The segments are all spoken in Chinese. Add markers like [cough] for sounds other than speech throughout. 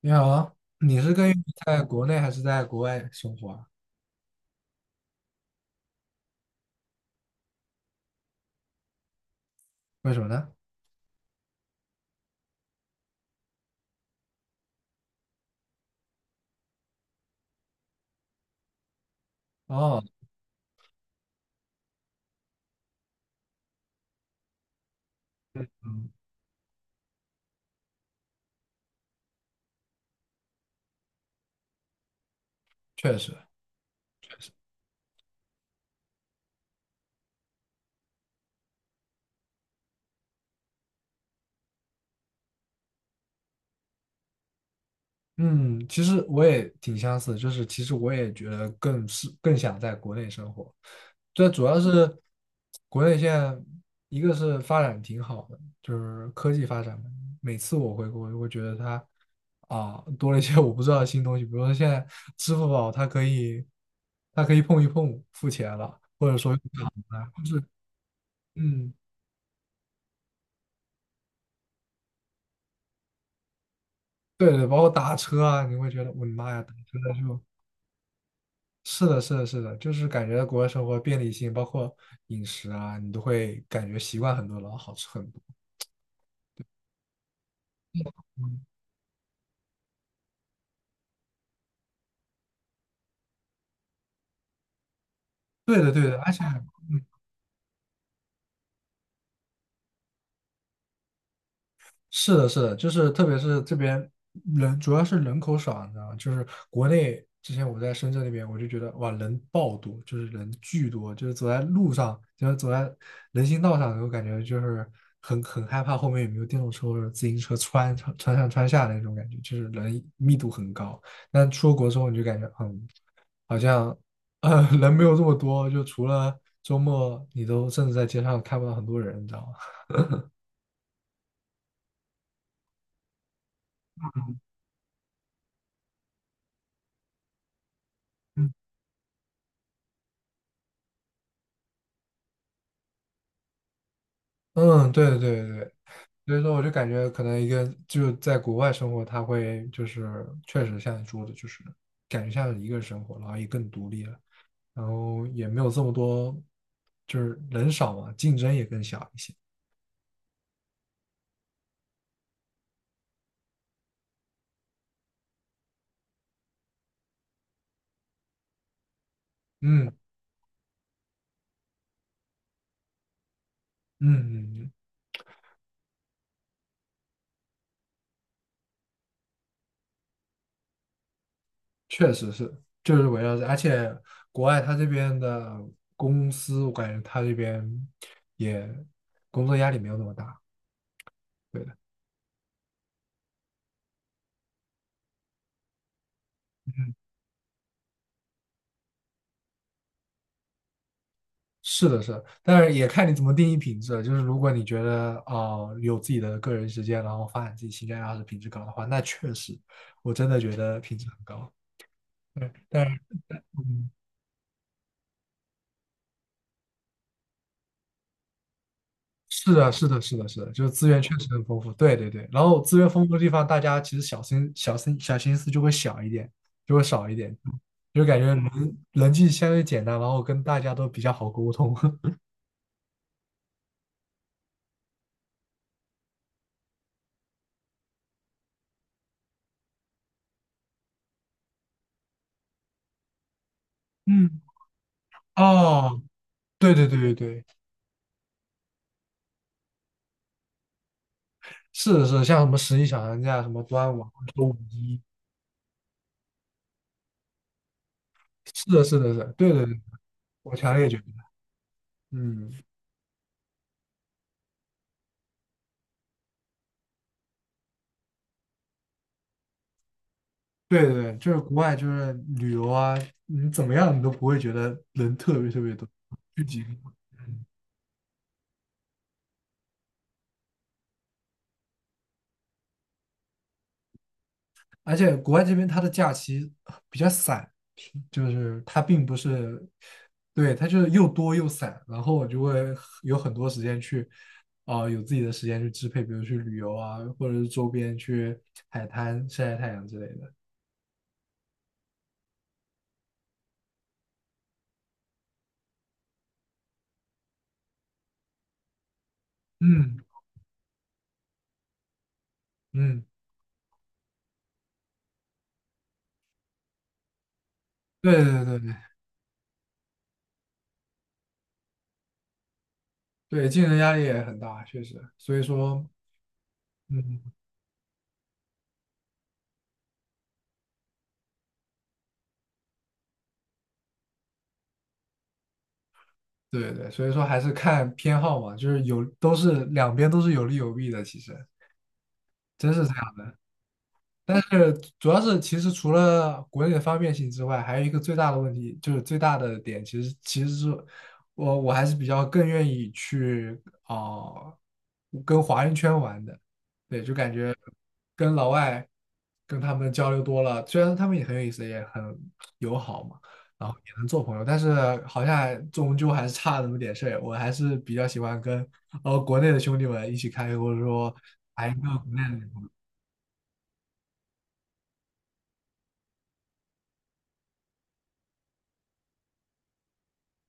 你好，你是更愿意在国内还是在国外生活啊？为什么呢？哦，确实，嗯，其实我也挺相似，就是其实我也觉得更是更想在国内生活，这主要是国内现在一个是发展挺好的，就是科技发展嘛。每次我回国，我会觉得它啊多了一些我不知道的新东西。比如说现在支付宝它可以碰一碰付钱了，或者说用卡了，就是嗯。对对，包括打车啊，你会觉得我的妈呀，打车的时候是的，是的，是的，就是感觉国外生活便利性，包括饮食啊，你都会感觉习惯很多，然后好吃很多。嗯，对的，对的，而且。是的，是的，就是特别是这边人主要是人口少，你知道吗？就是国内之前我在深圳那边，我就觉得哇，人爆多，就是人巨多，就是走在路上，就是走在人行道上，我感觉就是很害怕后面有没有电动车或者自行车穿穿穿上穿下那种感觉，就是人密度很高。但出国之后，你就感觉嗯，好像人没有这么多，就除了周末，你都甚至在街上看不到很多人，你知道吗？嗯，对对对对，所以说，我就感觉可能一个就在国外生活，他会就是确实像你说的，就是感觉像是一个人生活，然后也更独立了，然后也没有这么多，就是人少嘛，竞争也更小一些。嗯嗯嗯，确实是，就是围绕着，而且国外他这边的公司，我感觉他这边也工作压力没有那么大。对的。是的，是的，但是也看你怎么定义品质了。就是如果你觉得啊、有自己的个人时间，然后发展自己兴趣爱好是品质高的话，那确实，我真的觉得品质很高。对，但是嗯，是的，是的，是的，是的，就是资源确实很丰富。对对对，然后资源丰富的地方，大家其实小心、小心、小心思就会小一点，就会少一点，就感觉人人际相对简单，然后跟大家都比较好沟通。[laughs] 嗯，哦，对对对对对。是的是的，像什么十一小长假、什么端午啊、周五一，是的，是的，是的，对对对，我强烈觉得，嗯，对对对，就是国外就是旅游啊，你怎么样你都不会觉得人特别特别多，聚集，而且国外这边它的假期比较散，就是它并不是，对，它就是又多又散，然后我就会有很多时间去，啊、有自己的时间去支配，比如去旅游啊，或者是周边去海滩晒晒太阳之类的。嗯嗯。对对对对，对竞争压力也很大，确实。所以说，嗯，对对，所以说还是看偏好嘛，就是有都是两边都是有利有弊的，其实真是这样。但是主要是，其实除了国内的方便性之外，还有一个最大的问题，就是最大的点，其实是我还是比较更愿意去啊跟华人圈玩的。对，就感觉跟老外跟他们交流多了，虽然他们也很有意思，也很友好嘛，然后也能做朋友，但是好像终究还是差那么点事儿，我还是比较喜欢跟国内的兄弟们一起开会，或者说谈一个国内的。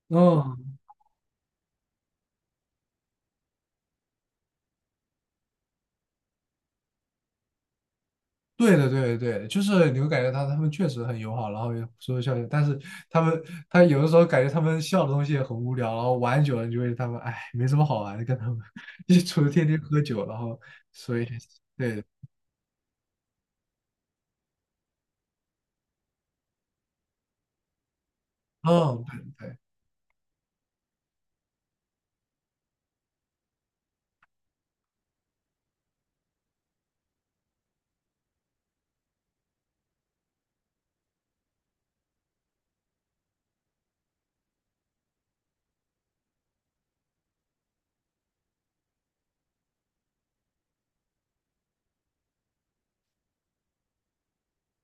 嗯，对的，对的，对的，就是你会感觉他们确实很友好，然后也说笑笑，但是他们他有的时候感觉他们笑的东西也很无聊，然后玩久了你就会他们哎没什么好玩的，跟他们 [laughs] 一除了天天喝酒，然后所以对的，嗯，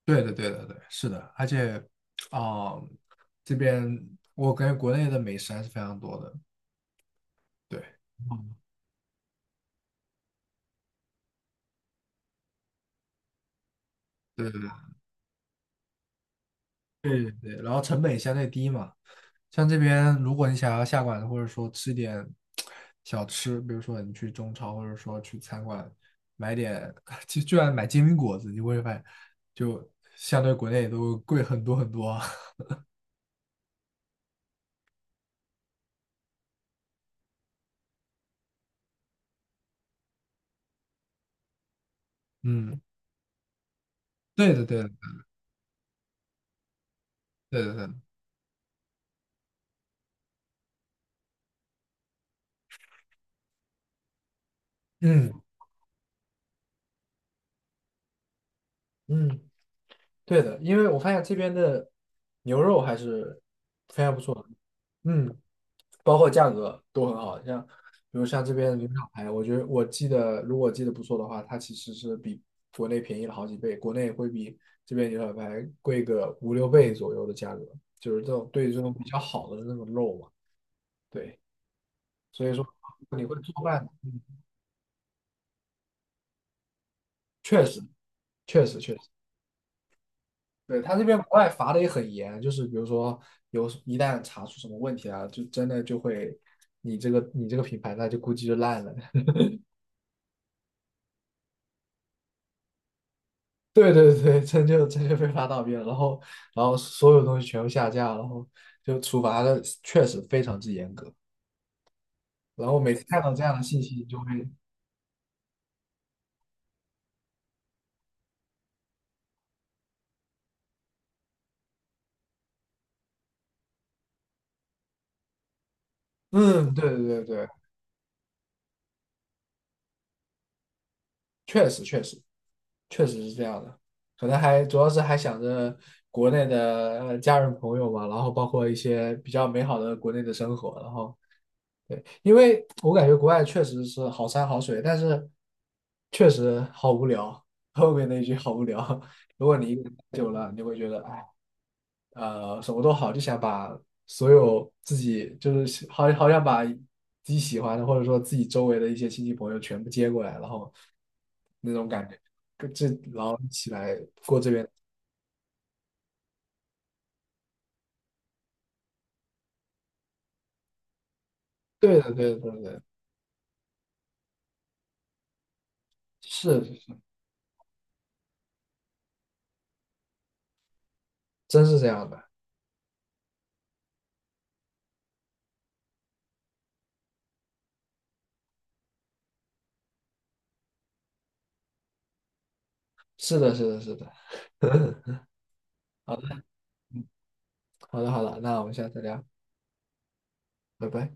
对对对的，对的，对的是的。而且啊、这边我感觉国内的美食还是非常多的。对，嗯，对对对对对，然后成本也相对低嘛。像这边，如果你想要下馆子，或者说吃点小吃，比如说你去中超，或者说去餐馆买点，[laughs] 就就算买煎饼果子，你会发现就相对国内都贵很多很多。[laughs] 嗯，对的，对的，对的，对的，嗯嗯，对的，因为我发现这边的牛肉还是非常不错的。包括价格都很好，像比如像这边的牛小排，我觉得我记得如果记得不错的话，它其实是比国内便宜了好几倍，国内会比这边牛小排贵个五六倍左右的价格，就是这种对于这种比较好的那种肉嘛。对，所以说你会做饭，嗯，确实确实确实。对，他这边国外罚的也很严，就是比如说有一旦查出什么问题啊，就真的就会你这个品牌那就估计就烂了。[laughs] 对对对，真就真就被发到边了，然后然后所有东西全部下架，然后就处罚的确实非常之严格。然后每次看到这样的信息，你就会，嗯，对对对对，确实确实是这样的。可能还主要是还想着国内的家人朋友嘛，然后包括一些比较美好的国内的生活，然后对，因为我感觉国外确实是好山好水，但是确实好无聊。后面那一句好无聊，[laughs] 如果你一个人待久了，你会觉得哎。什么都好，就想把所有自己就是好好想把自己喜欢的或者说自己周围的一些亲戚朋友全部接过来，然后那种感觉，跟这然后一起来过这边。对的，对的，对的，是，真是这样的，是的，是的，是的。[laughs] 好的，好的，那我们下次聊，拜拜。